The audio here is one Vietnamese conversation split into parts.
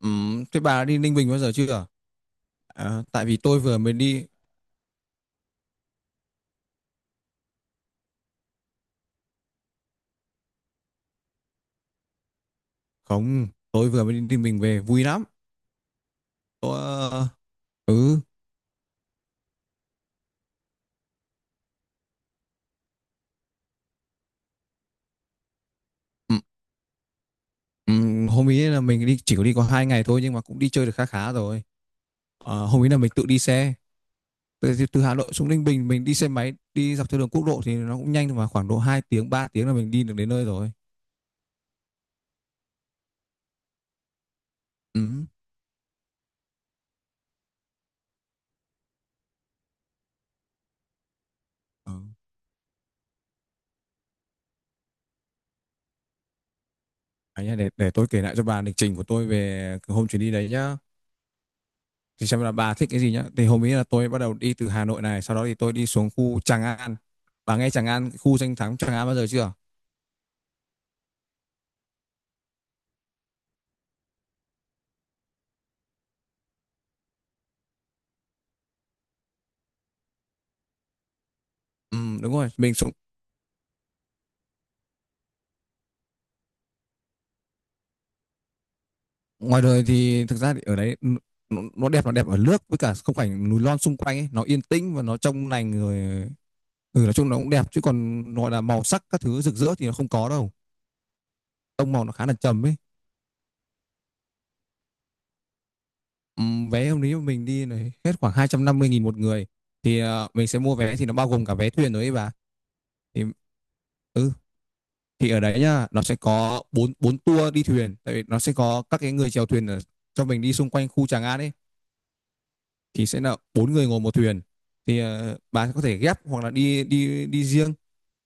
Thế bà đã đi Ninh Bình bao giờ chưa? À, tại vì tôi vừa mới đi, không, tôi vừa mới đi Ninh Bình về vui lắm. Tôi, ờ, ừ, ừm, Hôm ấy là mình đi chỉ có đi có 2 ngày thôi, nhưng mà cũng đi chơi được khá khá rồi. Hôm ấy là mình tự đi xe từ Hà Nội xuống Ninh Bình. Mình đi xe máy đi dọc theo đường quốc lộ thì nó cũng nhanh thôi, mà khoảng độ 2 tiếng 3 tiếng là mình đi được đến nơi rồi. Ừm. Ừ. À nhá, để tôi kể lại cho bà lịch trình của tôi về hôm chuyến đi đấy nhá, thì xem là bà thích cái gì nhá. Thì hôm ấy là tôi bắt đầu đi từ Hà Nội này, sau đó thì tôi đi xuống khu Tràng An. Bà nghe Tràng An, khu danh thắng Tràng An bao giờ chưa? Ừ, đúng rồi, mình xuống. Ngoài đời thì thực ra thì ở đấy nó đẹp là đẹp ở nước với cả không cảnh núi non xung quanh ấy, nó yên tĩnh và nó trong lành người. Ừ, nói chung nó cũng đẹp, chứ còn gọi là màu sắc các thứ rực rỡ thì nó không có đâu, tông màu nó khá là trầm ấy. Ừ, vé hôm đấy mình đi này hết khoảng 250.000 một người. Thì mình sẽ mua vé thì nó bao gồm cả vé thuyền nữa ấy bà. Thì ừ thì ở đấy nhá nó sẽ có bốn bốn tour đi thuyền, tại vì nó sẽ có các cái người chèo thuyền ở, cho mình đi xung quanh khu Tràng An ấy. Thì sẽ là 4 người ngồi một thuyền. Thì bà có thể ghép hoặc là đi đi đi riêng.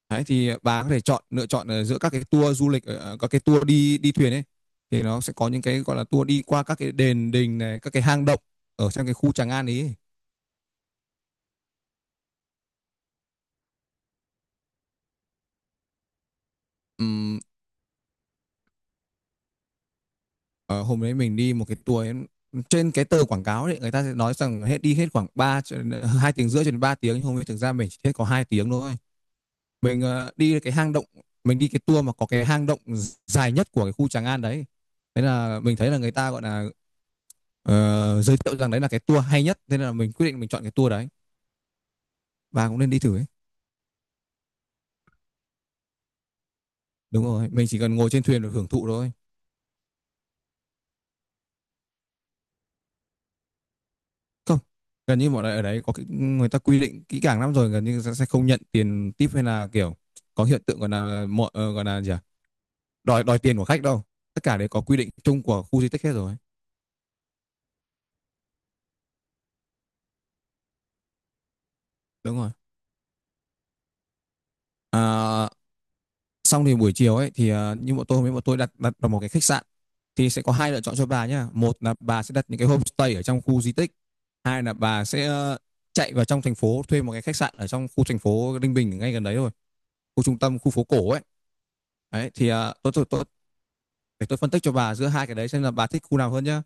Đấy, thì bà có thể chọn lựa chọn ở giữa các cái tour du lịch, ở các cái tour đi đi thuyền ấy. Thì nó sẽ có những cái gọi là tour đi qua các cái đền đình này, các cái hang động ở trong cái khu Tràng An ấy. Ừm, Ờ, Hôm đấy mình đi một cái tour ấy, trên cái tờ quảng cáo đấy người ta sẽ nói rằng hết đi hết khoảng 3 cho đến- ờ, 2 tiếng rưỡi cho đến 3 tiếng, nhưng hôm ấy thực ra mình chỉ hết có 2 tiếng thôi. Mình đi cái hang động, mình đi cái tour mà có cái hang động dài nhất của cái khu Tràng An đấy. Thế là mình thấy là người ta gọi là giới thiệu rằng đấy là cái tour hay nhất, thế nên là mình quyết định mình chọn cái tour đấy. Bà cũng nên đi thử ấy. Đúng rồi, mình chỉ cần ngồi trên thuyền được hưởng thụ thôi. Không, gần như bọn này ở đấy có cái, người ta quy định kỹ càng lắm rồi, gần như sẽ không nhận tiền tip hay là kiểu có hiện tượng gọi là mọi gọi là gì à? Đòi đòi tiền của khách đâu. Tất cả đấy có quy định chung của khu di tích hết rồi. Đúng rồi. À, xong thì buổi chiều ấy thì như bọn tôi, với bọn tôi đặt đặt vào một cái khách sạn. Thì sẽ có hai lựa chọn cho bà nhá: một là bà sẽ đặt những cái homestay ở trong khu di tích, hai là bà sẽ chạy vào trong thành phố thuê một cái khách sạn ở trong khu thành phố Ninh Bình ngay gần đấy thôi, khu trung tâm, khu phố cổ ấy. Đấy, thì à, tôi để tôi phân tích cho bà giữa hai cái đấy xem là bà thích khu nào hơn nhá.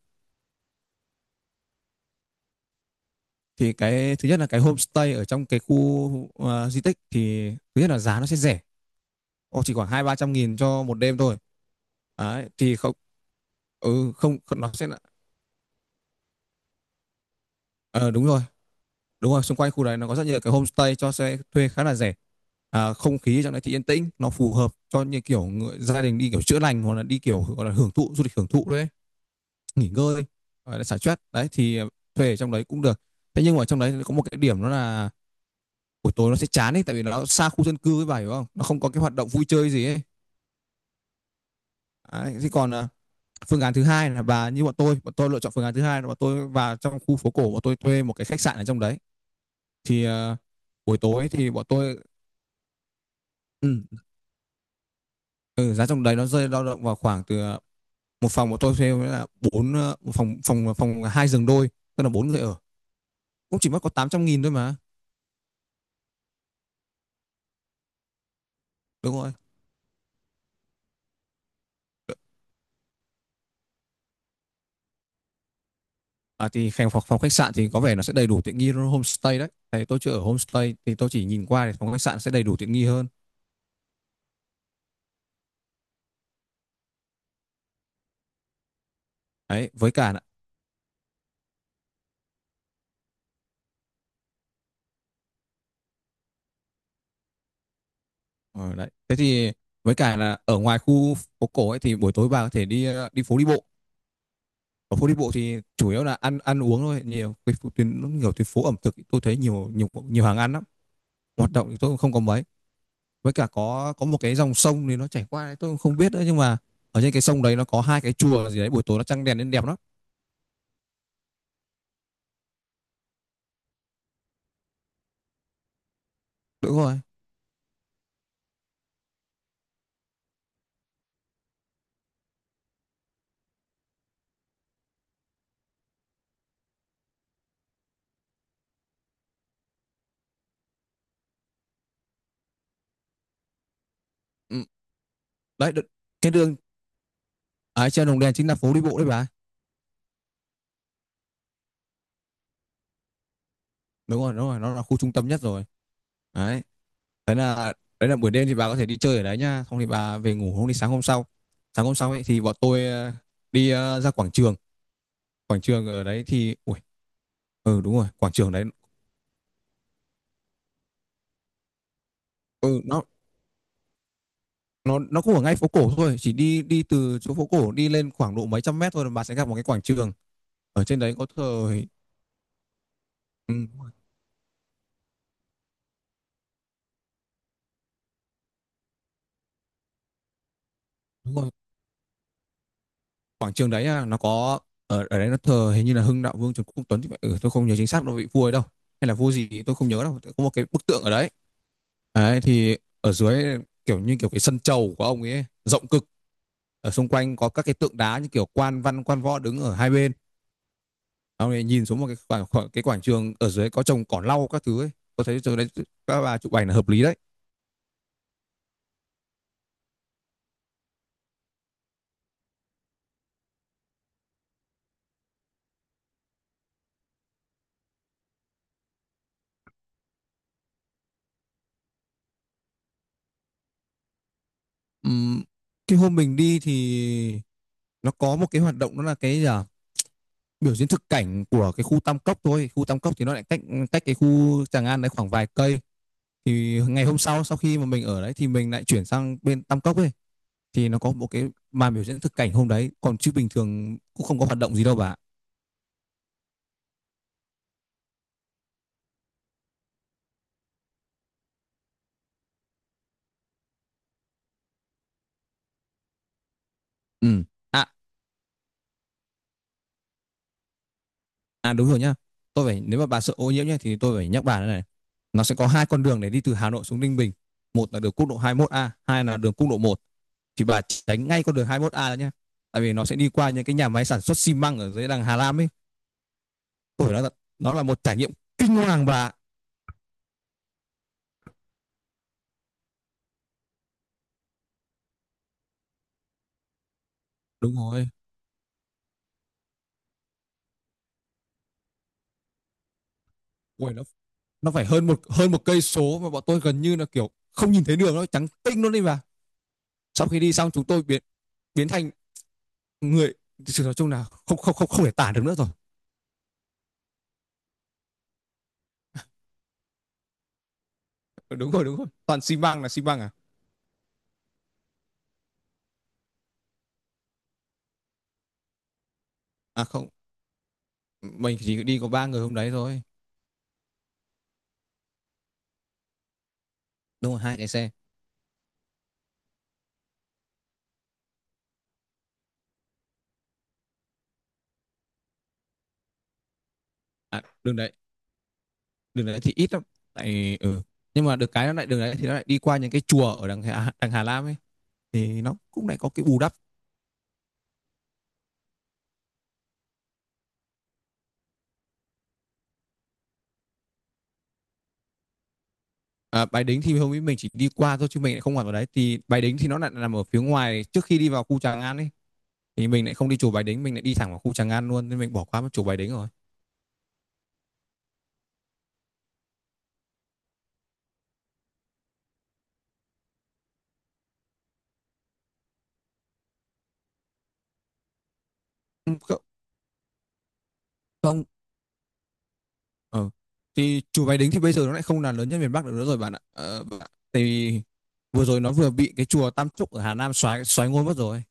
Thì cái thứ nhất là cái homestay ở trong cái khu di tích thì thứ nhất là giá nó sẽ rẻ. Ồ, chỉ khoảng hai ba trăm nghìn cho một đêm thôi. Đấy, thì không. Ừ, không, nó sẽ là ờ, đúng rồi. Đúng rồi, xung quanh khu đấy nó có rất nhiều cái homestay cho sẽ thuê khá là rẻ. À, không khí trong đấy thì yên tĩnh, nó phù hợp cho như kiểu người, gia đình đi kiểu chữa lành hoặc là đi kiểu gọi là hưởng thụ du lịch hưởng thụ đấy, nghỉ ngơi, gọi là xả stress đấy, thì thuê ở trong đấy cũng được. Thế nhưng mà trong đấy có một cái điểm đó là buổi tối nó sẽ chán ấy, tại vì nó xa khu dân cư, với bà hiểu không, nó không có cái hoạt động vui chơi gì ấy. Đấy, thế còn phương án thứ hai là bà như bọn tôi lựa chọn phương án thứ hai là bọn tôi vào trong khu phố cổ, bọn tôi thuê một cái khách sạn ở trong đấy. Thì buổi tối thì bọn tôi. ừ, ừ, Giá trong đấy nó rơi dao động vào khoảng từ một phòng bọn tôi thuê là một phòng phòng phòng 2 giường đôi, tức là 4 người ở cũng chỉ mất có 800.000 thôi mà. Đúng rồi. À, thì phòng phòng khách sạn thì có vẻ nó sẽ đầy đủ tiện nghi hơn homestay đấy. Tại tôi chưa ở homestay thì tôi chỉ nhìn qua thì phòng khách sạn sẽ đầy đủ tiện nghi hơn. Đấy, với cả là ờ, đấy. Thế thì với cả là ở ngoài khu phố cổ ấy thì buổi tối bà có thể đi đi phố đi bộ. Ở phố đi bộ thì chủ yếu là ăn ăn uống thôi, nhiều tuyến nhiều tuyến phố ẩm thực, tôi thấy nhiều nhiều nhiều hàng ăn lắm. Hoạt động thì tôi cũng không có mấy. Với cả có một cái dòng sông thì nó chảy qua đấy, tôi cũng không biết nữa nhưng mà ở trên cái sông đấy nó có hai cái chùa gì đấy, buổi tối nó trăng đèn nên đẹp lắm. Đúng rồi. Ừ. Đấy, cái đường. Đấy, trên Đồng Đèn chính là phố đi bộ đấy bà. Đúng rồi, nó là khu trung tâm nhất rồi. Đấy. Thế là đấy là buổi đêm thì bà có thể đi chơi ở đấy nhá, xong thì bà về ngủ hôm đi sáng hôm sau. Sáng hôm sau ấy thì bọn tôi đi ra quảng trường. Quảng trường ở đấy thì ui, ừ đúng rồi, quảng trường đấy. Ừ, nó nó cũng ở ngay phố cổ thôi, chỉ đi đi từ chỗ phố cổ đi lên khoảng độ mấy trăm mét thôi là bà sẽ gặp một cái quảng trường. Ở trên đấy có thờ. Ừ, đúng rồi, quảng trường đấy á, nó có. Ở ở đấy nó thờ hình như là Hưng Đạo Vương Trần Quốc Tuấn thì phải, ừ, tôi không nhớ chính xác nó vị vua ấy đâu, hay là vua gì tôi không nhớ, đâu có một cái bức tượng ở đấy. Đấy, thì ở dưới kiểu như kiểu cái sân chầu của ông ấy rộng cực, ở xung quanh có các cái tượng đá như kiểu quan văn quan võ đứng ở hai bên, ông ấy nhìn xuống một cái cái quảng trường ở dưới có trồng cỏ lau các thứ ấy. Tôi thấy chỗ đấy các bà chụp ảnh là hợp lý đấy. Ừm, cái hôm mình đi thì nó có một cái hoạt động đó là cái gì à? Biểu diễn thực cảnh của cái khu Tam Cốc thôi, khu Tam Cốc thì nó lại cách cách cái khu Tràng An đấy khoảng vài cây. Thì ngày hôm sau, sau khi mà mình ở đấy thì mình lại chuyển sang bên Tam Cốc ấy, thì nó có một cái màn biểu diễn thực cảnh hôm đấy còn, chứ bình thường cũng không có hoạt động gì đâu bà. Ừ. À. À, đúng rồi nhá, tôi phải, nếu mà bà sợ ô nhiễm nhá thì tôi phải nhắc bà thế này: nó sẽ có hai con đường để đi từ Hà Nội xuống Ninh Bình, một là đường quốc lộ 21A, hai là đường quốc lộ một. Thì bà tránh ngay con đường 21A đó nhá, tại vì nó sẽ đi qua những cái nhà máy sản xuất xi măng ở dưới đằng Hà Lam ấy. Ôi, nó là một trải nghiệm kinh hoàng bà. Đúng rồi. Ôi, nó phải hơn một cây số mà bọn tôi gần như là kiểu không nhìn thấy đường, nó trắng tinh luôn đi bà. Sau khi đi xong, chúng tôi biến biến thành người, sự nói chung là không không không không thể tả được nữa rồi. Ừ. Đúng rồi, đúng rồi. Toàn xi măng là xi măng à? À không, mình chỉ đi có 3 người hôm đấy thôi. Đúng rồi, 2 cái xe. À, đường đấy thì ít lắm. Tại ừ. Nhưng mà được cái nó lại, đường đấy thì nó lại đi qua những cái chùa ở đằng Hà Lam ấy, thì nó cũng lại có cái bù đắp. À, Bái Đính thì hôm ấy mình chỉ đi qua thôi chứ mình lại không hoạt vào đấy. Thì Bái Đính thì nó lại nằm ở phía ngoài trước khi đi vào khu Tràng An ấy. Thì mình lại không đi chùa Bái Đính, mình lại đi thẳng vào khu Tràng An luôn nên mình bỏ qua mất chùa Bái Đính rồi. Ừ. Không, ờ. Thì chùa Bái Đính thì bây giờ nó lại không là lớn nhất miền Bắc được nữa rồi bạn ạ. Vừa rồi nó vừa bị cái chùa Tam Trúc ở Hà Nam xoáy xoáy ngôi mất rồi.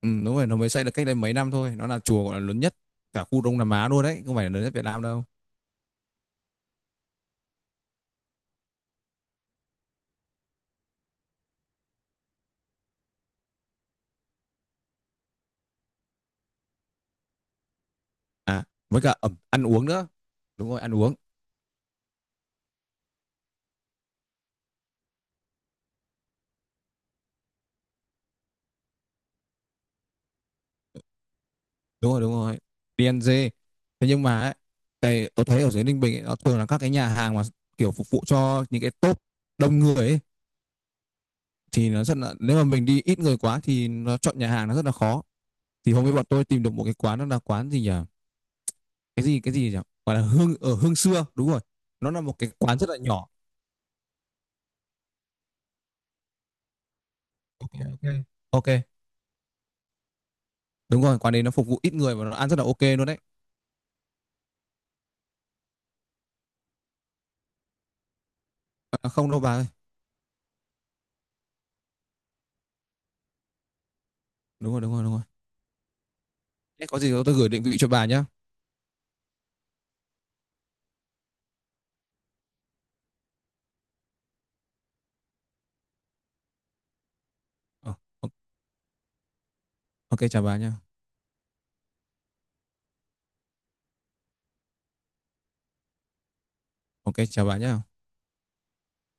Ừ, đúng rồi, nó mới xây được cách đây mấy năm thôi. Nó là chùa gọi là lớn nhất cả khu Đông Nam Á luôn đấy, không phải là lớn nhất Việt Nam đâu. À, với cả ăn uống nữa. Đúng rồi, ăn uống. Đúng rồi, đúng rồi. DNG. Thế nhưng mà ấy, cái tôi thấy ở dưới Ninh Bình ấy, nó thường là các cái nhà hàng mà kiểu phục vụ cho những cái top đông người ấy, thì nó rất là, nếu mà mình đi ít người quá thì nó chọn nhà hàng nó rất là khó. Thì hôm ấy bọn tôi tìm được một cái quán, nó là quán gì nhỉ, cái gì nhỉ, gọi là hương xưa, đúng rồi. Nó là một cái quán rất là nhỏ. OK, ok, ok. Đúng rồi, quán đấy nó phục vụ ít người và nó ăn rất là ok luôn đấy. À, không đâu bà ơi. Đúng rồi, đúng rồi, đúng rồi. Thế có gì tôi gửi định vị cho bà nhá. Ờ, ok, chào bà nhá. OK, chào bà nhá.